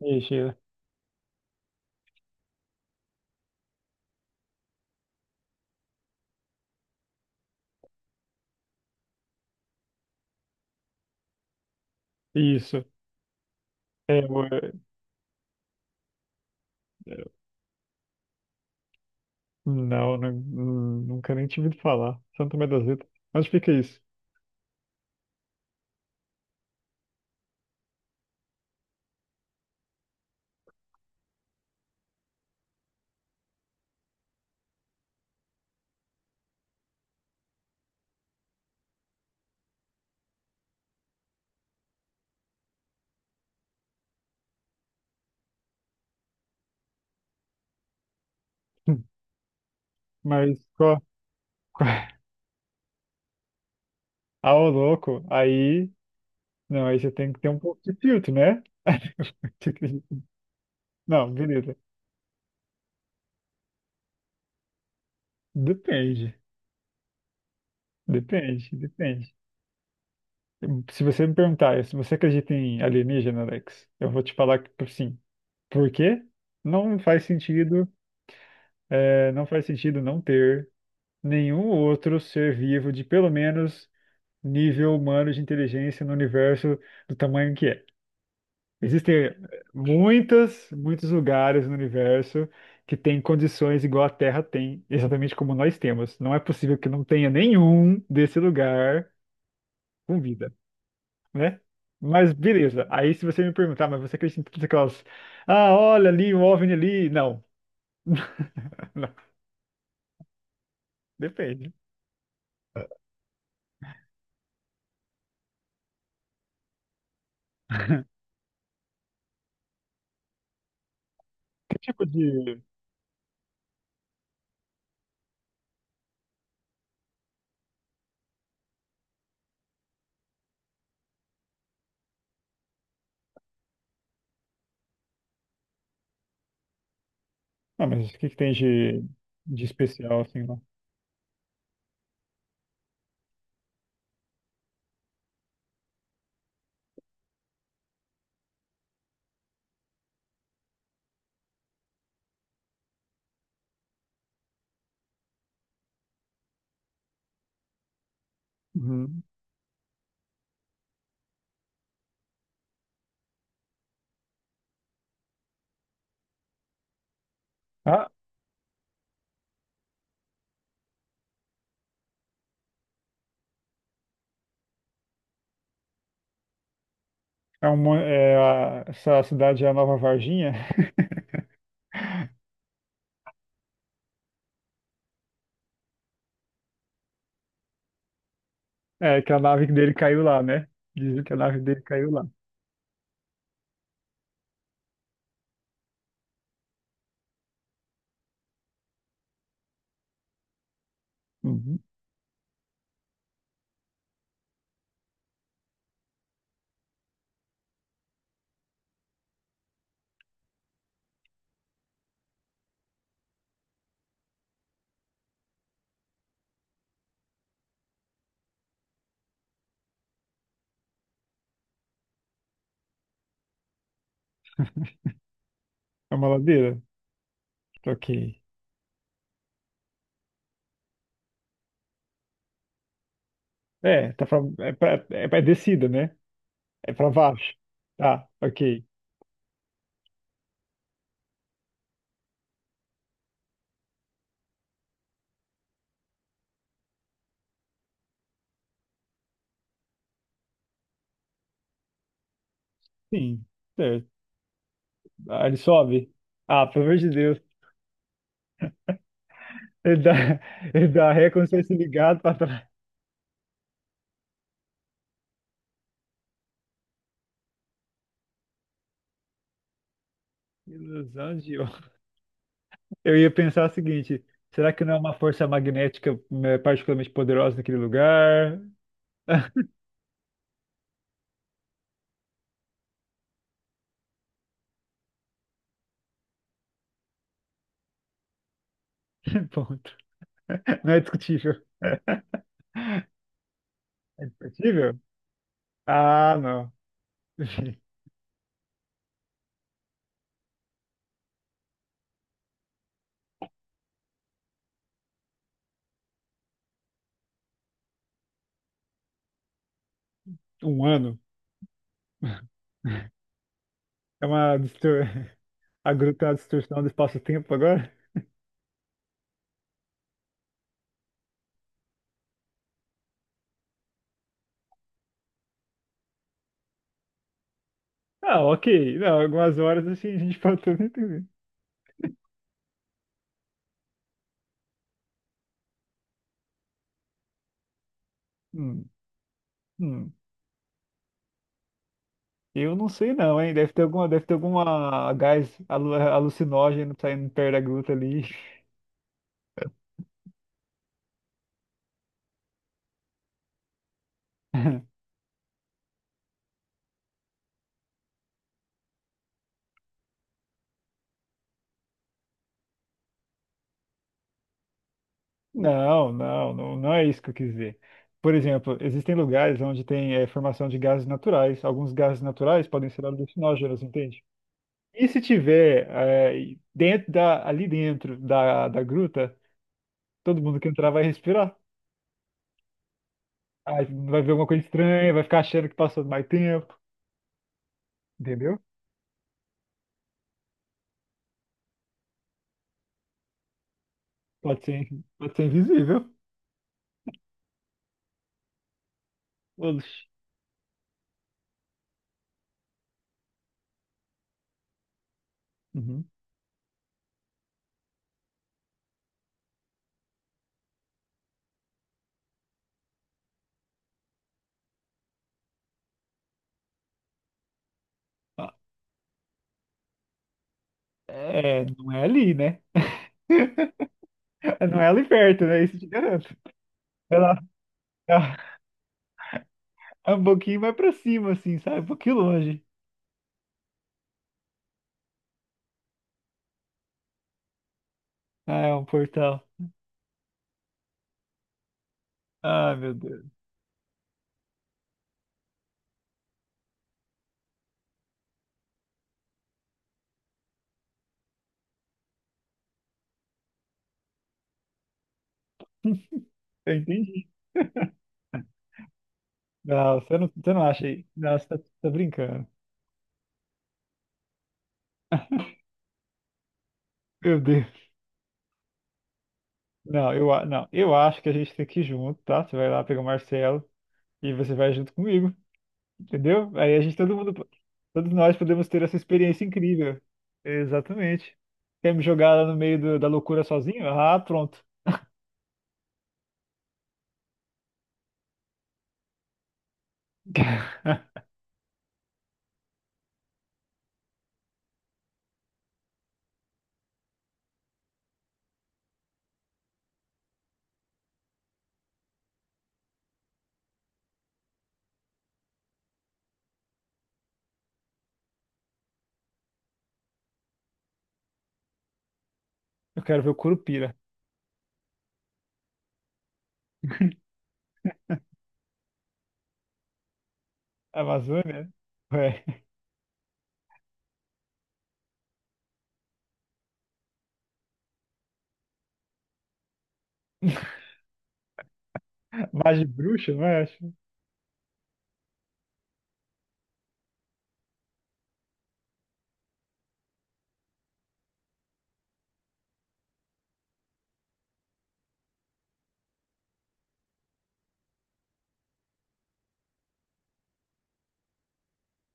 Mexer. Isso. É, eu- eu- não, nunca nem tive de falar. Santo Tomé das Letras. Onde fica isso? Mas qual, qual... Ah, ô louco, aí. Não, aí você tem que ter um pouco de filtro, né? Não, beleza. Depende. Depende, depende. Se você me perguntar, se você acredita em alienígena, Alex, eu vou te falar que sim. Por quê? Não faz sentido, não faz sentido não ter nenhum outro ser vivo de pelo menos nível humano de inteligência no universo do tamanho que é. Existem muitos lugares no universo que têm condições igual a Terra tem, exatamente como nós temos. Não é possível que não tenha nenhum desse lugar com vida, né? Mas beleza. Aí se você me perguntar, mas você acredita em todas aquelas, ah, olha ali, o OVNI ali. Não. Não, depende. Que tipo de Ah, mas o que que tem de especial assim lá? Uhum. Ah, é uma, essa cidade é a Nova Varginha. É que a nave dele caiu lá, né? Dizem que a nave dele caiu lá. Uhum. É uma ladeira? Ok. É, tá pra, é descida, né? É pra baixo. Tá, ok. Sim, certo. Ah, ele sobe. Ah, pelo amor de Deus. Ele dá, ele dá ré como se fosse ligado pra trás. Ilusão de Eu ia pensar o seguinte: será que não é uma força magnética, né, particularmente poderosa naquele lugar? Ponto. Não é discutível. É discutível? Ah, não. Enfim, um ano. É uma distor... a gruta é uma distorção do espaço-tempo agora? Ah, ok. Não, algumas horas assim a gente pode também entender. Hum, hum. Eu não sei não, hein? Deve ter alguma gás alucinógeno saindo perto da gruta ali. Não, não, não, não é isso que eu quis dizer. Por exemplo, existem lugares onde tem formação de gases naturais. Alguns gases naturais podem ser alucinógenos, entende? E se tiver ali dentro da, da gruta, todo mundo que entrar vai respirar. Aí vai ver alguma coisa estranha, vai ficar achando que passou mais tempo, entendeu? Pode ser, pode ser invisível. Oxi. Uhum. Ah, é, não é ali, né? Não é ali perto, né? Isso eu te garanto. Vai lá. É um pouquinho mais pra cima, assim, sabe? Um pouquinho longe. Ah, é um portal. Ah, meu Deus. Eu entendi. Não, você não, você não acha aí. Não, você tá, tá brincando. Meu Deus. Não, eu acho que a gente tem que ir junto, tá? Você vai lá pegar o Marcelo e você vai junto comigo, entendeu? Aí a gente, todo mundo, todos nós podemos ter essa experiência incrível. Exatamente. Quer me jogar lá no meio da loucura sozinho? Ah, pronto. Eu quero ver o Curupira. Amazônia? Ué. Magia de bruxa, não é? Acho.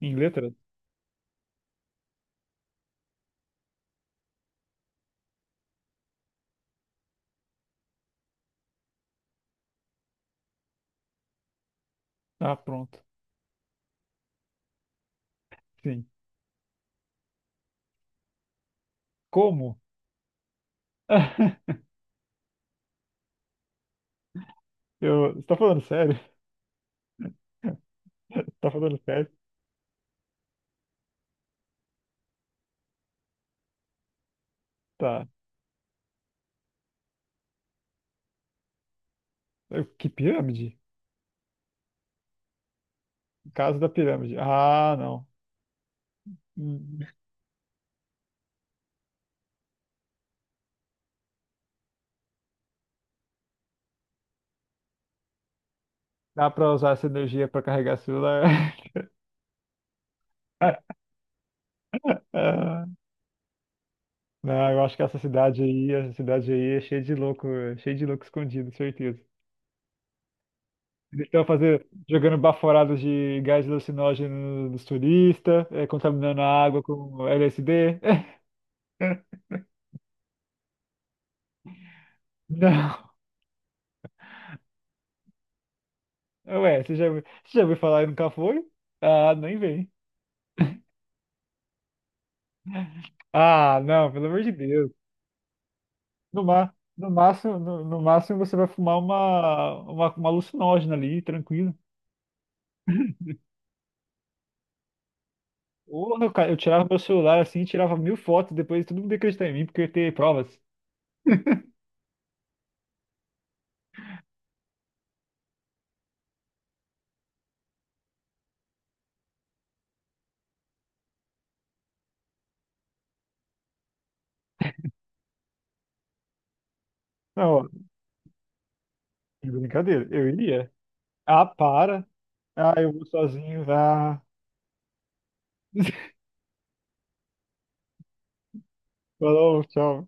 Em letras? Ah, pronto. Sim. Como? Eu... Você tá falando sério? Tá falando sério? Tá. Que pirâmide? Caso da pirâmide. Ah, não. Hum, dá pra usar essa energia pra carregar celular? Ah, não, eu acho que essa cidade aí é cheia de louco, é cheia de louco escondido, certeza. Eles estão fazendo, jogando baforados de gás alucinógeno nos turistas, é, contaminando a água com LSD. Não. Ué, você já ouviu falar e nunca foi? Ah, nem vem. Ah, não, pelo amor de Deus. No máximo, no máximo você vai fumar uma alucinógena ali, tranquilo. Ou, meu cara, eu tirava meu celular assim, tirava mil fotos, depois todo mundo ia acreditar em mim porque eu ia ter provas. Não, ó, de brincadeira, eu iria. Ah, para. Ah, eu vou sozinho, vá. Falou, tchau.